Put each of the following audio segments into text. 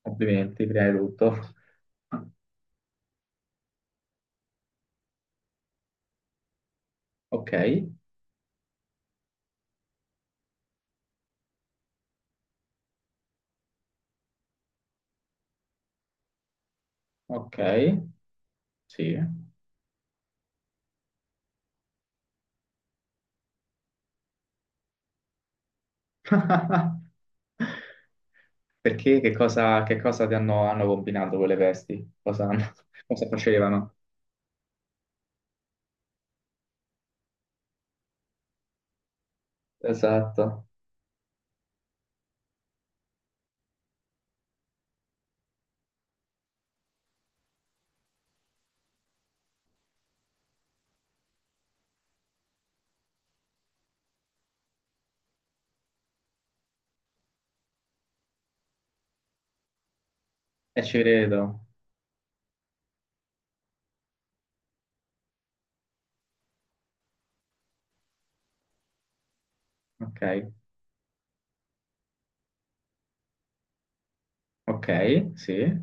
Complimenti, prima di tutto. Ok, ok, sì. Perché che cosa ti hanno combinato quelle vesti? Cosa, cosa facevano? Esatto, e ci credo. Ok, ok, sì.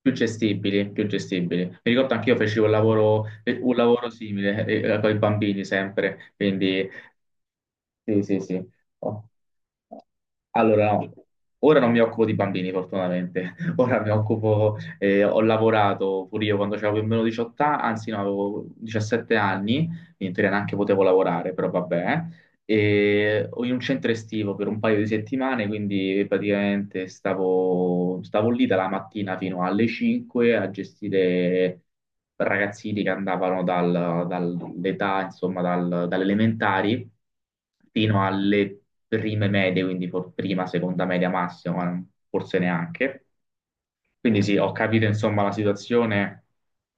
Più gestibili. Mi ricordo anche io feci un lavoro simile con i bambini sempre, quindi sì. Oh. Allora, no, ora non mi occupo di bambini, fortunatamente. Ora mi occupo, ho lavorato pure io quando avevo meno 18 anni, anzi no, avevo 17 anni, quindi in teoria neanche potevo lavorare, però vabbè e o in un centro estivo per un paio di settimane, quindi praticamente stavo lì dalla mattina fino alle 5 a gestire ragazzini che andavano dall'età, insomma, dalle elementari fino alle prime medie, quindi prima, seconda media massima, ma forse neanche. Quindi sì, ho capito insomma la situazione.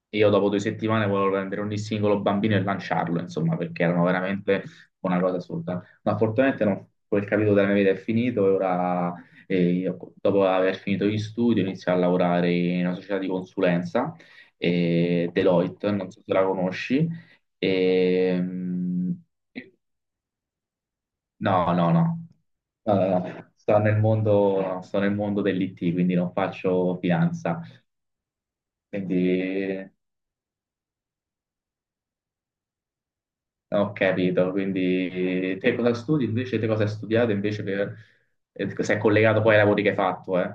Io dopo 2 settimane volevo prendere ogni singolo bambino e lanciarlo, insomma, perché erano veramente una cosa assurda. Ma fortunatamente no, quel capitolo della mia vita è finito e ora, io, dopo aver finito gli studi, ho iniziato a lavorare in una società di consulenza, Deloitte, non so se la conosci. E, no, no, no. No, no, no. Sto nel mondo, no, sto nel mondo dell'IT, quindi non faccio finanza quindi no, ho capito, quindi te cosa studi invece, te cosa hai studiato invece per, se è collegato poi ai lavori che hai fatto, eh?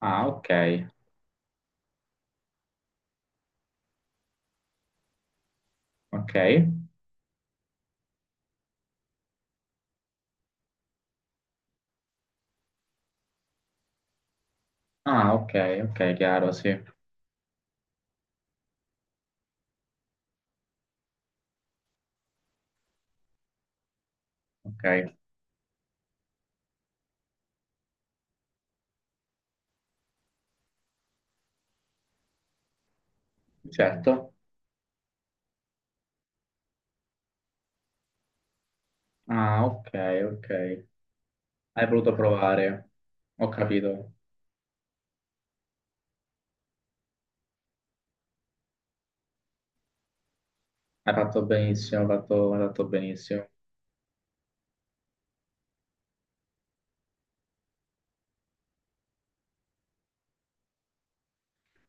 Ah, ok, ok. Ah, ok, ok, chiaro, sì, ok, certo. Ah, ok, ok. Hai voluto provare, ho capito. Hai fatto benissimo, hai fatto benissimo.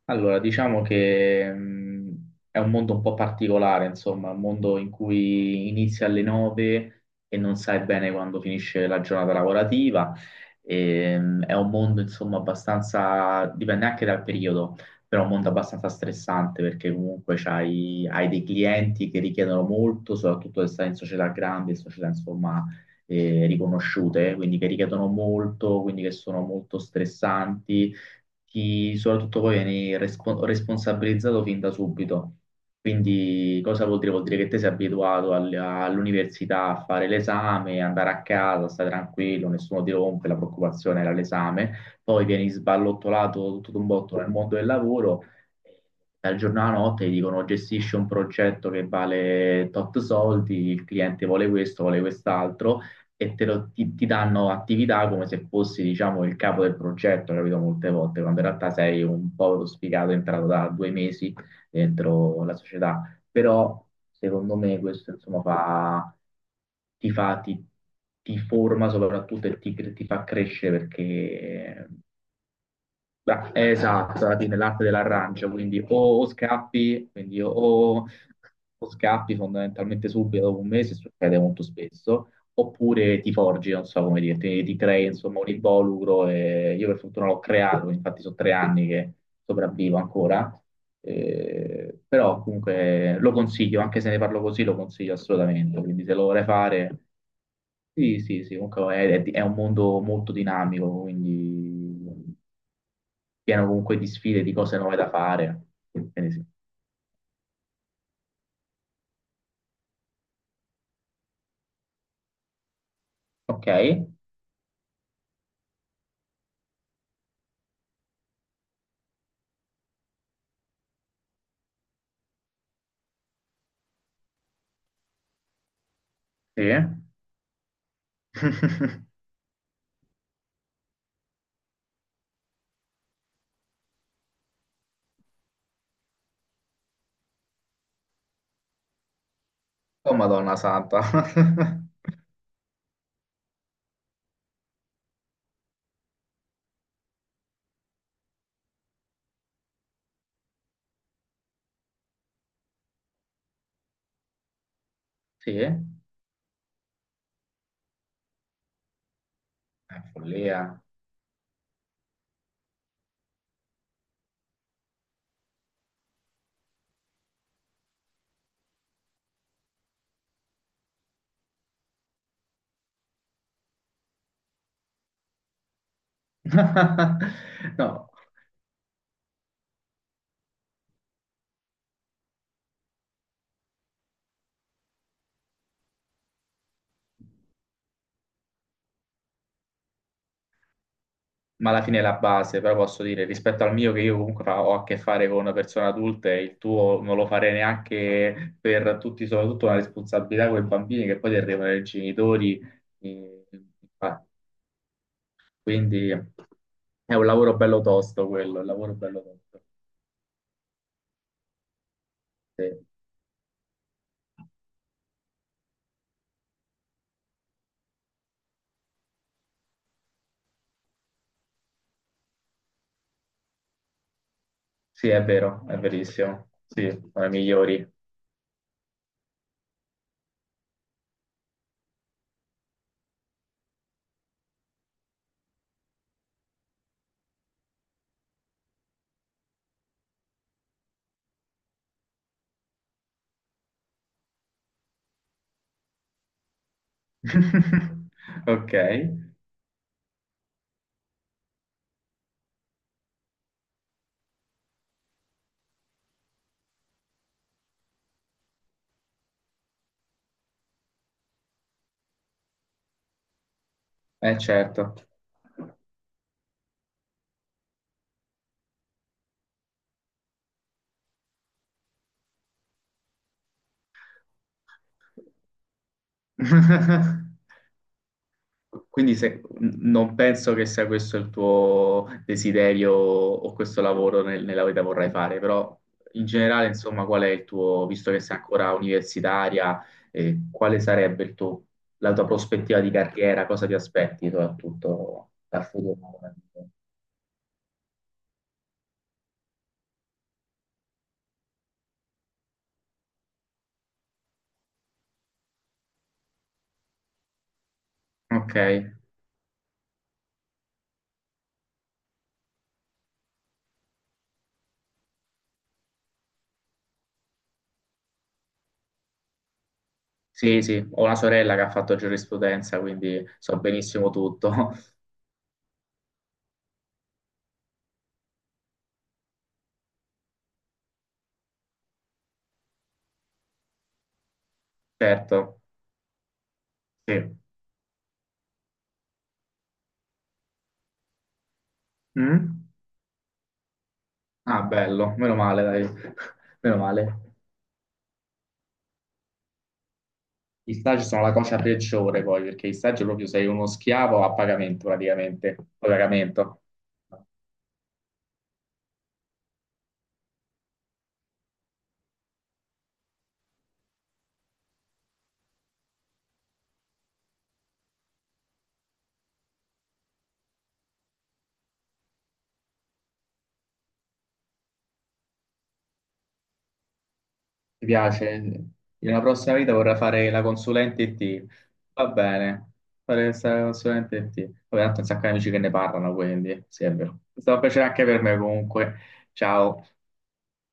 Allora, diciamo che è un mondo un po' particolare, insomma, un mondo in cui inizi alle 9 e non sai bene quando finisce la giornata lavorativa. E, è un mondo, insomma, abbastanza, dipende anche dal periodo, però è un mondo abbastanza stressante perché comunque hai dei clienti che richiedono molto, soprattutto se stai in società grandi, società, insomma, riconosciute, quindi che richiedono molto, quindi che sono molto stressanti ti, soprattutto poi vieni responsabilizzato fin da subito. Quindi cosa vuol dire? Vuol dire che te sei abituato all'università a fare l'esame, andare a casa, stare tranquillo, nessuno ti rompe, la preoccupazione era l'esame, poi vieni sballottolato tutto d'un botto nel mondo del lavoro, dal giorno alla notte ti dicono gestisci un progetto che vale tot soldi, il cliente vuole questo, vuole quest'altro e ti danno attività come se fossi, diciamo, il capo del progetto, capito? Molte volte, quando in realtà sei un povero sfigato entrato da 2 mesi dentro la società. Però, secondo me, questo, insomma, fa, ti fa, ti, ti forma soprattutto e ti fa crescere perché beh, è esatto, alla fine l'arte dell'arrancio, quindi o scappi, quindi o scappi fondamentalmente subito dopo un mese, succede molto spesso, oppure ti forgi, non so come dire, ti crei insomma un involucro e io per fortuna l'ho creato, infatti sono 3 anni che sopravvivo ancora, però comunque lo consiglio, anche se ne parlo così lo consiglio assolutamente, quindi se lo vorrei fare... Sì, sì, sì, comunque è un mondo molto dinamico, quindi pieno comunque di sfide, di cose nuove da fare. Quindi sì. Ok, sì. Oh Madonna Santa. Sì, è follia. No, ma alla fine è la base, però posso dire, rispetto al mio che io comunque ho a che fare con persone adulte, il tuo non lo farei neanche per tutti, soprattutto una responsabilità con i bambini che poi ti arrivano i genitori. eh, fa- Quindi è un lavoro bello tosto quello, è un lavoro bello tosto. Sì. Sì, è vero, è verissimo. Sì, sono i migliori. Ok, eh certo. Quindi non penso che sia questo il tuo desiderio o questo lavoro nella vita vorrai fare, però in generale, insomma, qual è il tuo, visto che sei ancora universitaria, quale sarebbe la tua prospettiva di carriera, cosa ti aspetti soprattutto dal futuro? Ok. Sì, sì, ho una sorella che ha fatto giurisprudenza, quindi so benissimo tutto. Certo, sì. Mm? Ah, bello, meno male, dai. Meno male. Gli stagi sono la cosa peggiore poi, perché gli stagi proprio sei uno schiavo a pagamento praticamente, a pagamento. Ti piace? In una prossima vita vorrei fare la consulente IT. Va bene, fare la consulente IT. Vabbè, tanto un sacco di amici che ne parlano, quindi, sì, è vero. È stato un piacere anche per me comunque. Ciao.